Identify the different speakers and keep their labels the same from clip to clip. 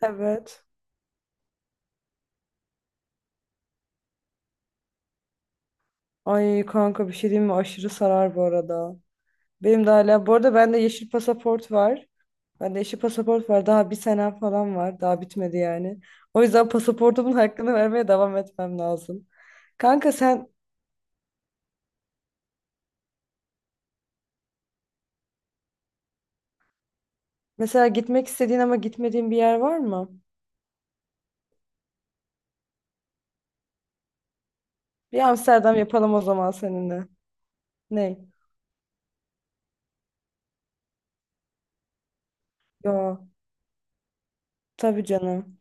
Speaker 1: Evet. Ay kanka bir şey diyeyim mi? Aşırı sarar bu arada. Benim de hala. Bu arada bende yeşil pasaport var. Daha bir senem falan var. Daha bitmedi yani. O yüzden pasaportumun hakkını vermeye devam etmem lazım. Kanka sen mesela gitmek istediğin ama gitmediğin bir yer var mı? Bir Amsterdam yapalım o zaman seninle. Ne? Yo. Tabii canım.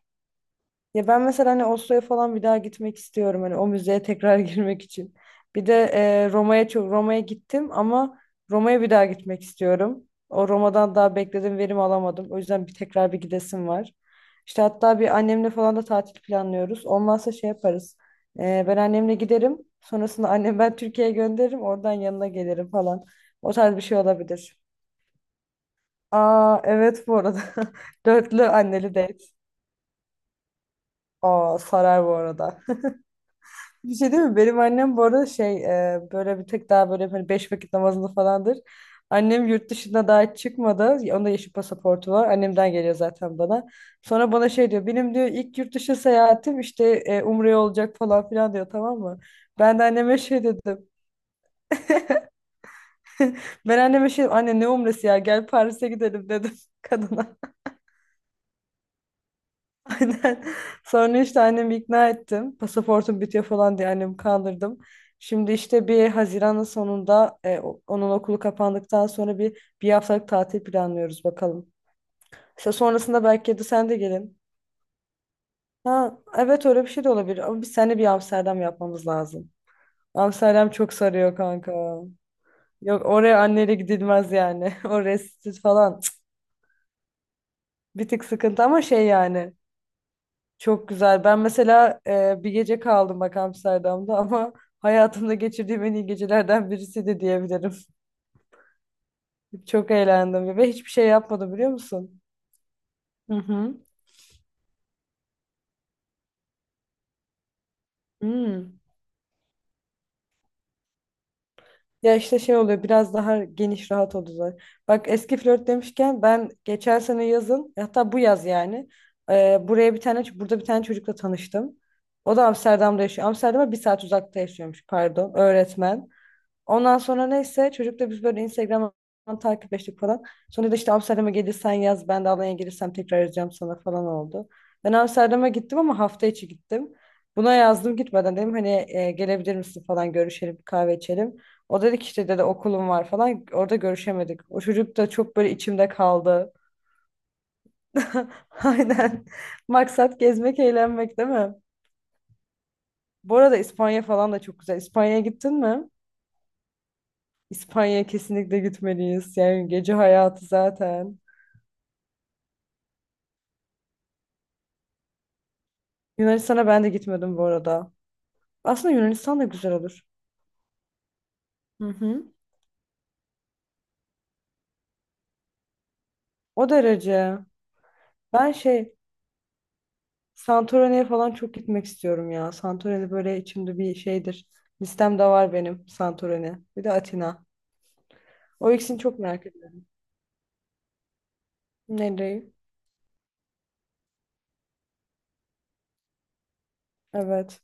Speaker 1: Ya ben mesela hani Oslo'ya falan bir daha gitmek istiyorum hani o müzeye tekrar girmek için. Bir de Roma'ya çok Roma'ya gittim ama Roma'ya bir daha gitmek istiyorum. O Roma'dan daha bekledim verim alamadım. O yüzden bir tekrar bir gidesim var. İşte hatta bir annemle falan da tatil planlıyoruz. Olmazsa şey yaparız. Ben annemle giderim. Sonrasında annem ben Türkiye'ye gönderirim. Oradan yanına gelirim falan. O tarz bir şey olabilir. Aa, evet bu arada. Dörtlü anneli date. Aa, sarar bu arada. Bir şey değil mi? Benim annem bu arada şey böyle bir tek daha böyle hani beş vakit namazını falandır. Annem yurt dışına daha hiç çıkmadı. Onda yeşil pasaportu var. Annemden geliyor zaten bana. Sonra bana şey diyor. Benim diyor ilk yurt dışı seyahatim işte Umre'ye olacak falan filan diyor, tamam mı? Ben de anneme şey dedim. Ben anneme şey dedim. Anne ne Umre'si ya, gel Paris'e gidelim dedim kadına. Aynen. Sonra işte annemi ikna ettim. Pasaportum bitiyor falan diye annemi kandırdım. Şimdi işte bir Haziran'ın sonunda onun okulu kapandıktan sonra bir haftalık tatil planlıyoruz bakalım. İşte sonrasında belki de sen de gelin. Ha, evet, öyle bir şey de olabilir ama biz seninle bir Amsterdam yapmamız lazım. Amsterdam çok sarıyor kanka. Yok, oraya anneyle gidilmez yani. Oraya siz falan. Cık, bir tık sıkıntı ama şey yani. Çok güzel. Ben mesela bir gece kaldım bak Amsterdam'da ama hayatımda geçirdiğim en iyi gecelerden birisi de diyebilirim. Çok eğlendim ve hiçbir şey yapmadım, biliyor musun? Hı hı. Hmm. Ya işte şey oluyor, biraz daha geniş rahat oluyor. Bak eski flört demişken, ben geçen sene yazın, hatta bu yaz yani e, buraya bir tane burada bir tane çocukla tanıştım. O da Amsterdam'da yaşıyor. Amsterdam'a bir saat uzakta yaşıyormuş, pardon, öğretmen. Ondan sonra neyse, çocukla biz böyle Instagram'dan takipleştik falan. Sonra da işte Amsterdam'a gelirsen, yaz ben de Alanya'ya gelirsem tekrar yazacağım sana falan oldu. Ben Amsterdam'a gittim ama hafta içi gittim. Buna yazdım gitmeden, dedim hani gelebilir misin falan, görüşelim bir kahve içelim. O dedi ki işte, dedi, okulum var falan, orada görüşemedik. O çocuk da çok böyle içimde kaldı. Aynen. Maksat gezmek eğlenmek değil mi? Bu arada İspanya falan da çok güzel. İspanya'ya gittin mi? İspanya'ya kesinlikle gitmeliyiz. Yani gece hayatı zaten. Yunanistan'a ben de gitmedim bu arada. Aslında Yunanistan da güzel olur. Hı hı. O derece. Ben şey, Santorini'ye falan çok gitmek istiyorum ya. Santorini böyle içimde bir şeydir. Listemde var benim Santorini. Bir de Atina. O ikisini çok merak ediyorum. Nereyi? Evet.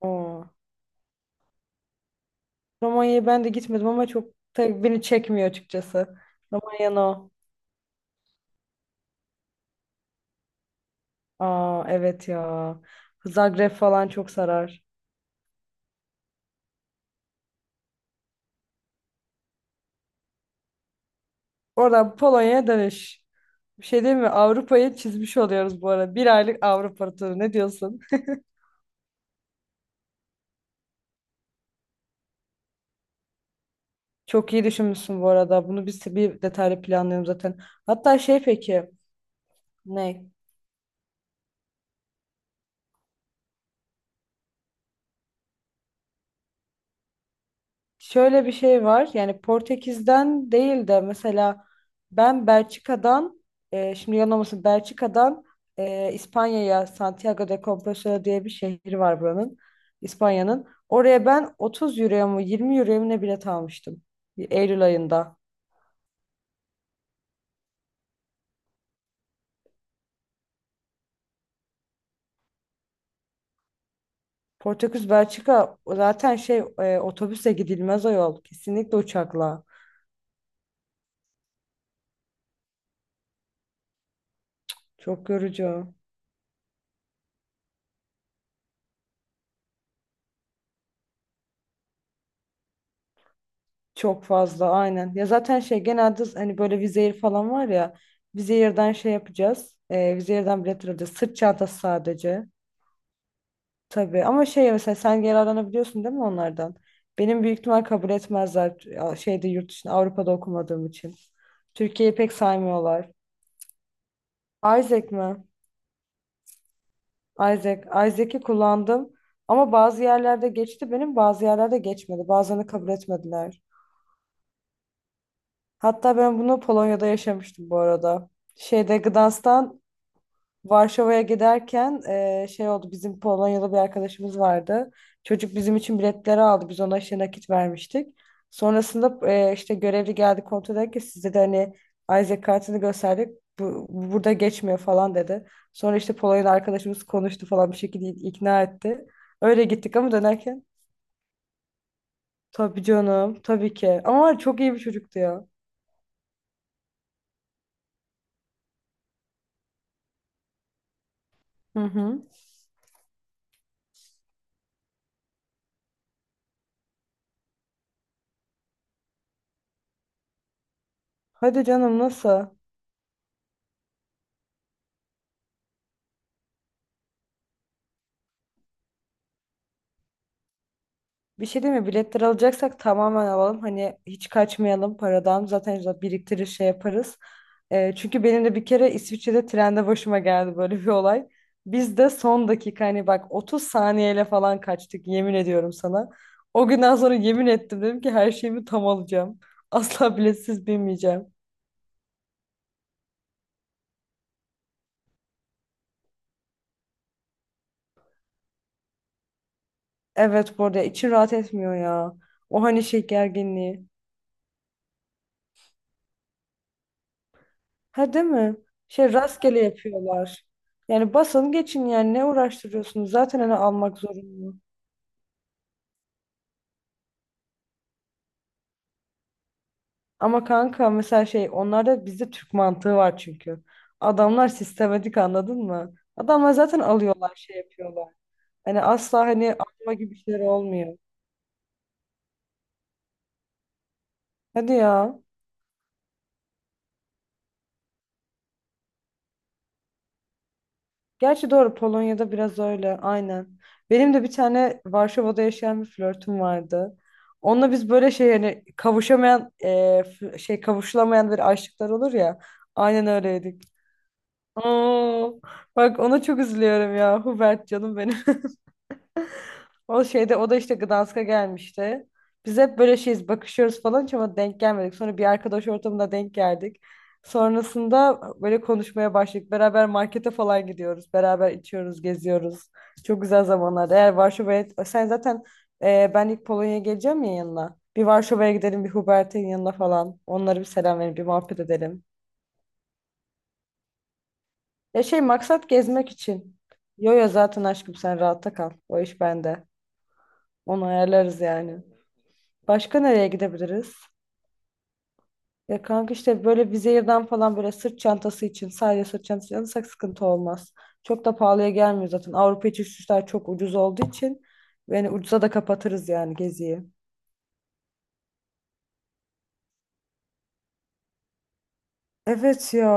Speaker 1: Oo. Romanya'ya ben de gitmedim ama çok, tabii beni çekmiyor açıkçası. Romanya'nın o. Aa, evet ya. Zagreb falan çok sarar. Oradan Polonya'ya dönüş. Bir şey değil mi? Avrupa'yı çizmiş oluyoruz bu arada. Bir aylık Avrupa turu. Ne diyorsun? Çok iyi düşünmüşsün bu arada. Bunu biz bir detaylı planlıyorum zaten. Hatta şey, peki ne? Şöyle bir şey var. Yani Portekiz'den değil de mesela ben Belçika'dan şimdi yanılmasın Belçika'dan İspanya'ya, Santiago de Compostela diye bir şehri var buranın. İspanya'nın. Oraya ben 30 euroya mı 20 euroya mı ne bilet almıştım. Eylül ayında. Portekiz Belçika zaten şey otobüse gidilmez o yol. Kesinlikle uçakla. Çok yorucu. Çok fazla aynen. Ya zaten şey, genelde hani böyle Wizzair falan var ya. Vizeir'den şey yapacağız. Vizeir'den biletler alacağız. Sırt çantası sadece. Tabii ama şey, mesela sen yararlanabiliyorsun değil mi onlardan? Benim büyük ihtimal kabul etmezler ya, şeyde, yurt dışında Avrupa'da okumadığım için. Türkiye'yi pek saymıyorlar. Isaac mi? Isaac'i kullandım ama bazı yerlerde geçti benim, bazı yerlerde geçmedi. Bazılarını kabul etmediler. Hatta ben bunu Polonya'da yaşamıştım bu arada. Şeyde Gdańsk'tan Varşova'ya giderken şey oldu, bizim Polonyalı bir arkadaşımız vardı. Çocuk bizim için biletleri aldı. Biz ona işte nakit vermiştik. Sonrasında işte görevli geldi kontrol ederken, sizde de hani Isaac kartını gösterdik. Bu burada geçmiyor falan dedi. Sonra işte Polonyalı arkadaşımız konuştu falan, bir şekilde ikna etti. Öyle gittik ama dönerken, tabii canım, tabii ki. Ama çok iyi bir çocuktu ya. Hı hı. Hadi canım, nasıl? Bir şey değil mi? Biletleri alacaksak tamamen alalım. Hani hiç kaçmayalım paradan. Zaten işte biriktirir şey yaparız. Çünkü benim de bir kere İsviçre'de trende başıma geldi böyle bir olay. Biz de son dakika hani, bak 30 saniyeyle falan kaçtık, yemin ediyorum sana. O günden sonra yemin ettim, dedim ki her şeyimi tam alacağım. Asla biletsiz binmeyeceğim. Evet, bu arada içim rahat etmiyor ya. O hani şey gerginliği. Ha, değil mi? Şey, rastgele yapıyorlar. Yani basın geçin yani, ne uğraştırıyorsunuz? Zaten hani almak zorunlu. Ama kanka, mesela şey, onlarda bizde Türk mantığı var çünkü. Adamlar sistematik, anladın mı? Adamlar zaten alıyorlar, şey yapıyorlar. Hani asla hani alma gibi şeyler olmuyor. Hadi ya. Gerçi doğru, Polonya'da biraz öyle aynen. Benim de bir tane Varşova'da yaşayan bir flörtüm vardı. Onunla biz böyle şey, yani kavuşamayan şey, kavuşulamayan bir aşıklar olur ya. Aynen öyleydik. Oo, bak ona çok üzülüyorum ya, Hubert canım benim. O şeyde, o da işte Gdansk'a gelmişti. Biz hep böyle şeyiz, bakışıyoruz falan, hiç ama denk gelmedik. Sonra bir arkadaş ortamında denk geldik. Sonrasında böyle konuşmaya başladık. Beraber markete falan gidiyoruz. Beraber içiyoruz, geziyoruz. Çok güzel zamanlar. Eğer Varşova'ya... Sen zaten ben ilk Polonya'ya geleceğim ya yanına. Bir Varşova'ya gidelim, bir Hubert'in yanına falan. Onlara bir selam verelim, bir muhabbet edelim. Ya şey, maksat gezmek için. Yo yo, zaten aşkım, sen rahatta kal. O iş bende. Onu ayarlarız yani. Başka nereye gidebiliriz? Ya kanka işte böyle Vizier'den falan, böyle sırt çantası için, sadece sırt çantası alırsak sıkıntı olmaz. Çok da pahalıya gelmiyor zaten. Avrupa içi uçuşlar çok ucuz olduğu için yani ucuza da kapatırız yani geziyi. Evet ya.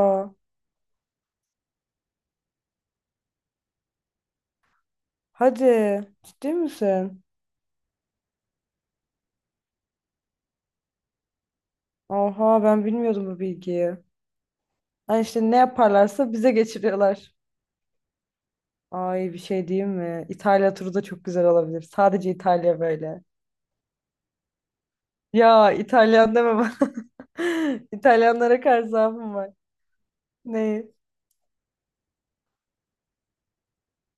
Speaker 1: Hadi. Ciddi misin? Oha, ben bilmiyordum bu bilgiyi. Ha, işte ne yaparlarsa bize geçiriyorlar. Ay bir şey diyeyim mi? İtalya turu da çok güzel olabilir. Sadece İtalya böyle. Ya İtalyan deme bana. İtalyanlara karşı zaafım var. Ne?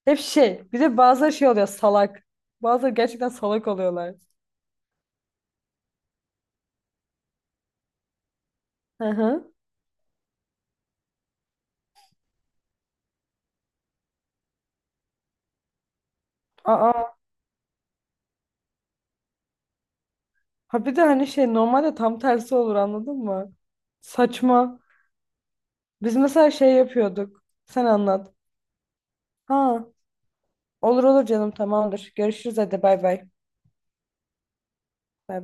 Speaker 1: Hep şey. Bir de bazıları şey oluyor, salak. Bazıları gerçekten salak oluyorlar. Hı hı. Aa. Ha bir de hani şey, normalde tam tersi olur anladın mı? Saçma. Biz mesela şey yapıyorduk. Sen anlat. Ha. Olur olur canım, tamamdır. Görüşürüz, hadi bay bay. Bay bay.